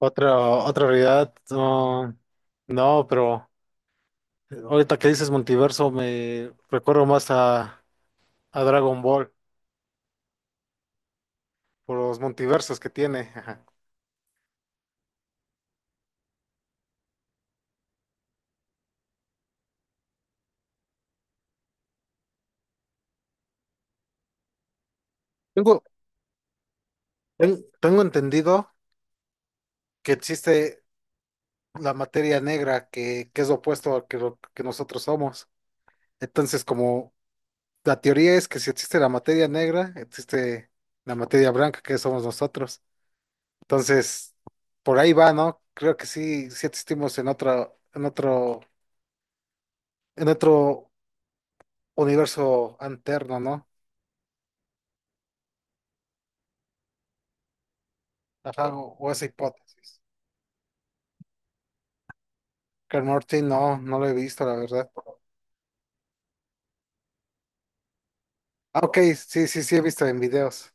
Otra realidad, no, no, pero ahorita que dices multiverso me recuerdo más a Dragon Ball por los multiversos que tiene. Ajá. Tengo, tengo entendido que existe la materia negra que es lo opuesto a que lo que nosotros somos. Entonces, como la teoría es que si existe la materia negra, existe la materia blanca que somos nosotros. Entonces, por ahí va, ¿no? Creo que sí, sí existimos en otro universo alterno, ¿no? Ajá, o esa hipótesis. Rick and Morty no, no lo he visto, la verdad. Ah, ok, sí, sí, sí, he visto en videos.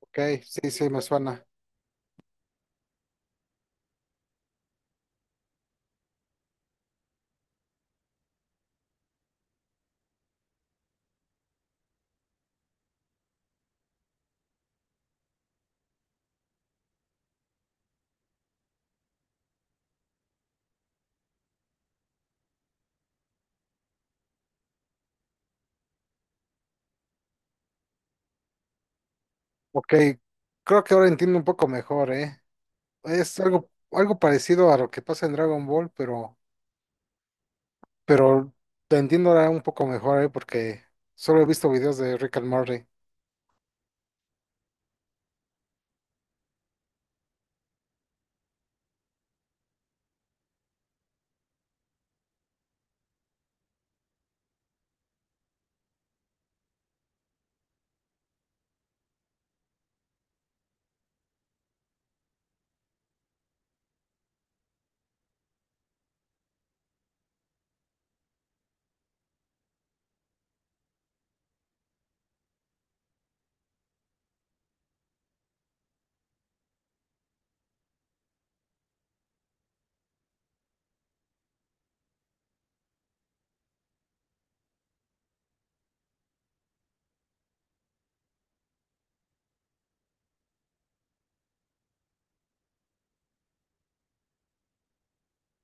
Ok, sí, sí, me suena. Ok, creo que ahora entiendo un poco mejor, ¿eh? Es algo, algo parecido a lo que pasa en Dragon Ball, pero te entiendo ahora un poco mejor, ¿eh? Porque solo he visto videos de Rick and Morty.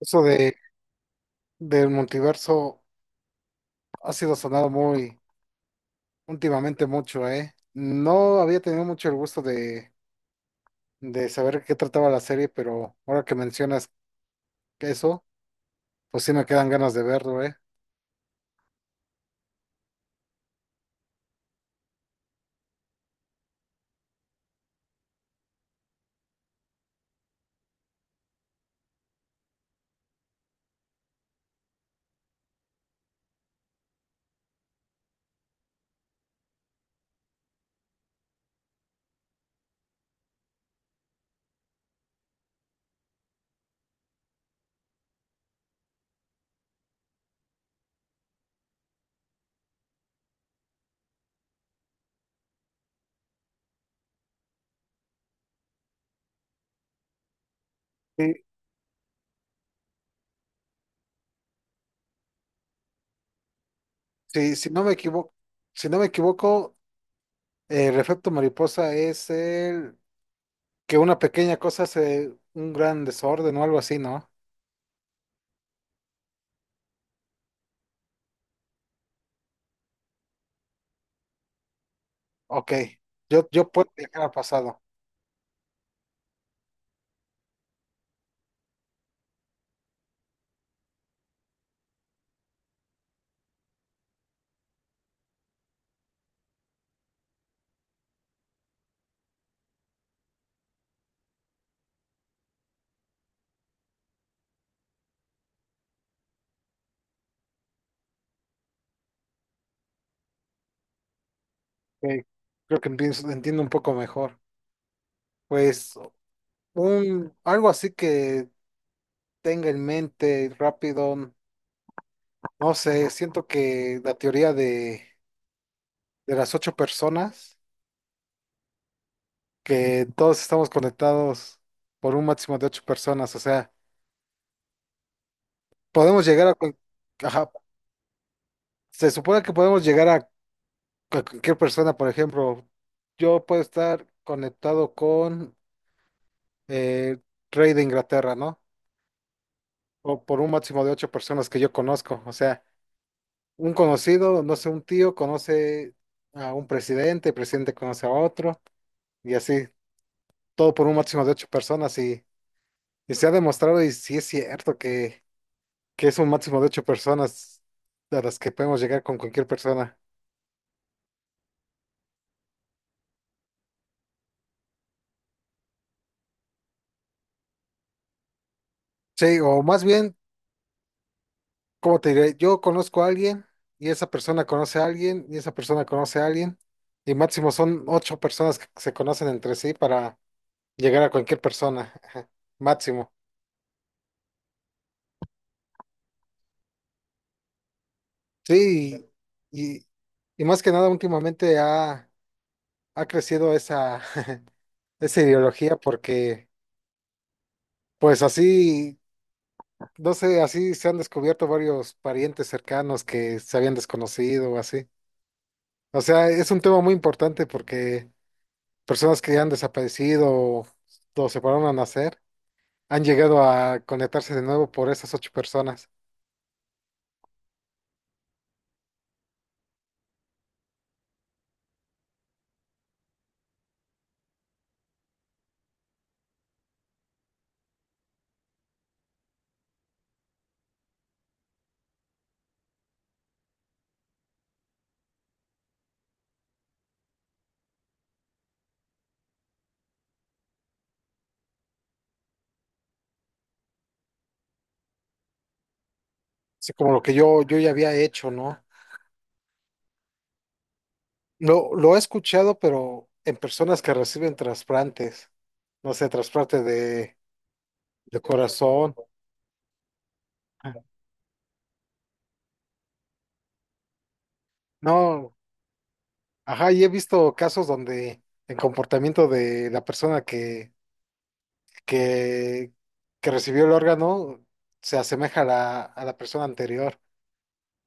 Eso de, del multiverso ha sido sonado muy últimamente mucho, ¿eh? No había tenido mucho el gusto de saber qué trataba la serie, pero ahora que mencionas eso, pues sí me quedan ganas de verlo, ¿eh? Sí, sí, si no me equivoco, si no me equivoco, el efecto mariposa es el que una pequeña cosa hace un gran desorden o algo así, ¿no? Ok, yo puedo viajar al pasado. Ok, entiendo un poco mejor. Pues algo así que tenga en mente rápido. No sé, siento que la teoría de las ocho personas, que todos estamos conectados por un máximo de ocho personas, o sea, podemos llegar a... Ajá, se supone que podemos llegar a cualquier persona, por ejemplo, yo puedo estar conectado con eh, rey de Inglaterra, ¿no? O por un máximo de ocho personas que yo conozco, o sea, un conocido, no sé, un tío conoce a un presidente, el presidente conoce a otro, y así, todo por un máximo de ocho personas y... Y se ha demostrado, y sí es cierto, que es un máximo de ocho personas a las que podemos llegar con cualquier persona. Sí, o más bien, ¿cómo te diré? Yo conozco a alguien, y esa persona conoce a alguien, y esa persona conoce a alguien, y máximo son ocho personas que se conocen entre sí para llegar a cualquier persona. Ajá, máximo. Sí, y, y, y más que nada últimamente ha crecido esa, esa ideología porque, pues así. No sé, así se han descubierto varios parientes cercanos que se habían desconocido o así. O sea, es un tema muy importante porque personas que han desaparecido o se pararon a nacer han llegado a conectarse de nuevo por esas ocho personas. Así como lo que yo ya había hecho, ¿no? Lo he escuchado, pero en personas que reciben trasplantes, no sé, trasplante de corazón. No, ajá, y he visto casos donde el comportamiento de la persona que, que recibió el órgano se asemeja a la persona anterior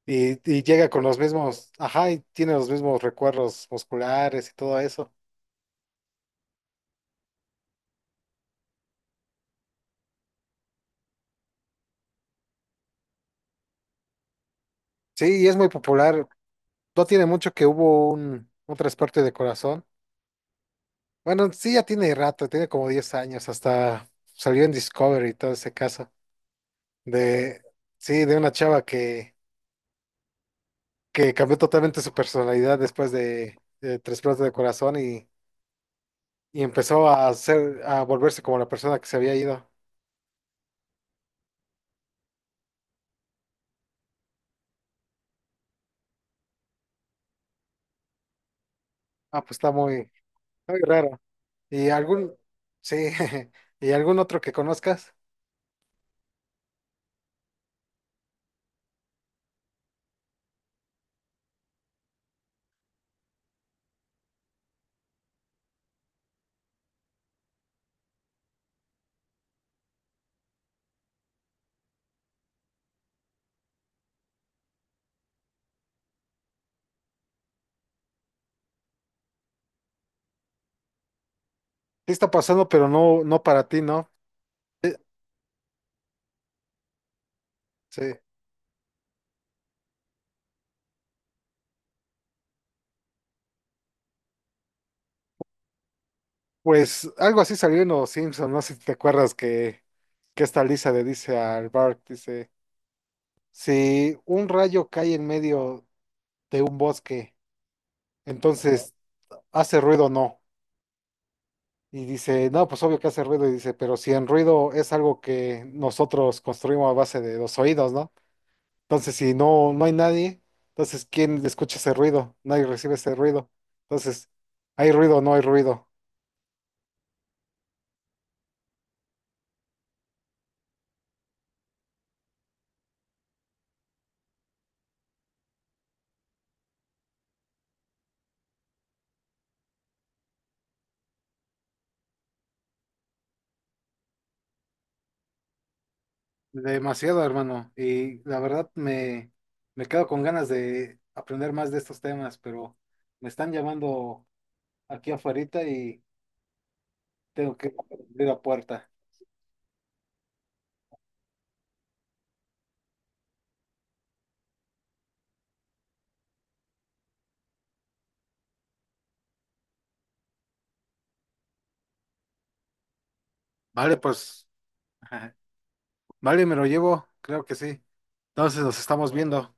y llega con los mismos, ajá, y tiene los mismos recuerdos musculares y todo eso. Sí, y es muy popular. No tiene mucho que hubo un trasplante de corazón. Bueno, sí, ya tiene rato, tiene como 10 años, hasta salió en Discovery y todo ese caso. De, sí, de una chava que cambió totalmente su personalidad después de trasplante de corazón y empezó a ser, a volverse como la persona que se había ido. Ah, pues está muy, muy raro. Y algún, sí, y algún otro que conozcas. Sí está pasando, pero no, no para ti, ¿no? Sí. Sí. Pues algo así salió en Los Simpson, no sé si te acuerdas que esta Lisa le dice al Bart, dice, si un rayo cae en medio de un bosque, entonces, ¿hace ruido o no? Y dice, no, pues obvio que hace ruido. Y dice, pero si en ruido es algo que nosotros construimos a base de los oídos, ¿no? Entonces, si no, no hay nadie, entonces, ¿quién escucha ese ruido? Nadie recibe ese ruido. Entonces, ¿hay ruido o no hay ruido? Demasiado, hermano. Y la verdad me, me quedo con ganas de aprender más de estos temas, pero me están llamando aquí afuera y tengo que abrir la puerta. Vale, pues, vale, me lo llevo, creo que sí. Entonces nos estamos viendo.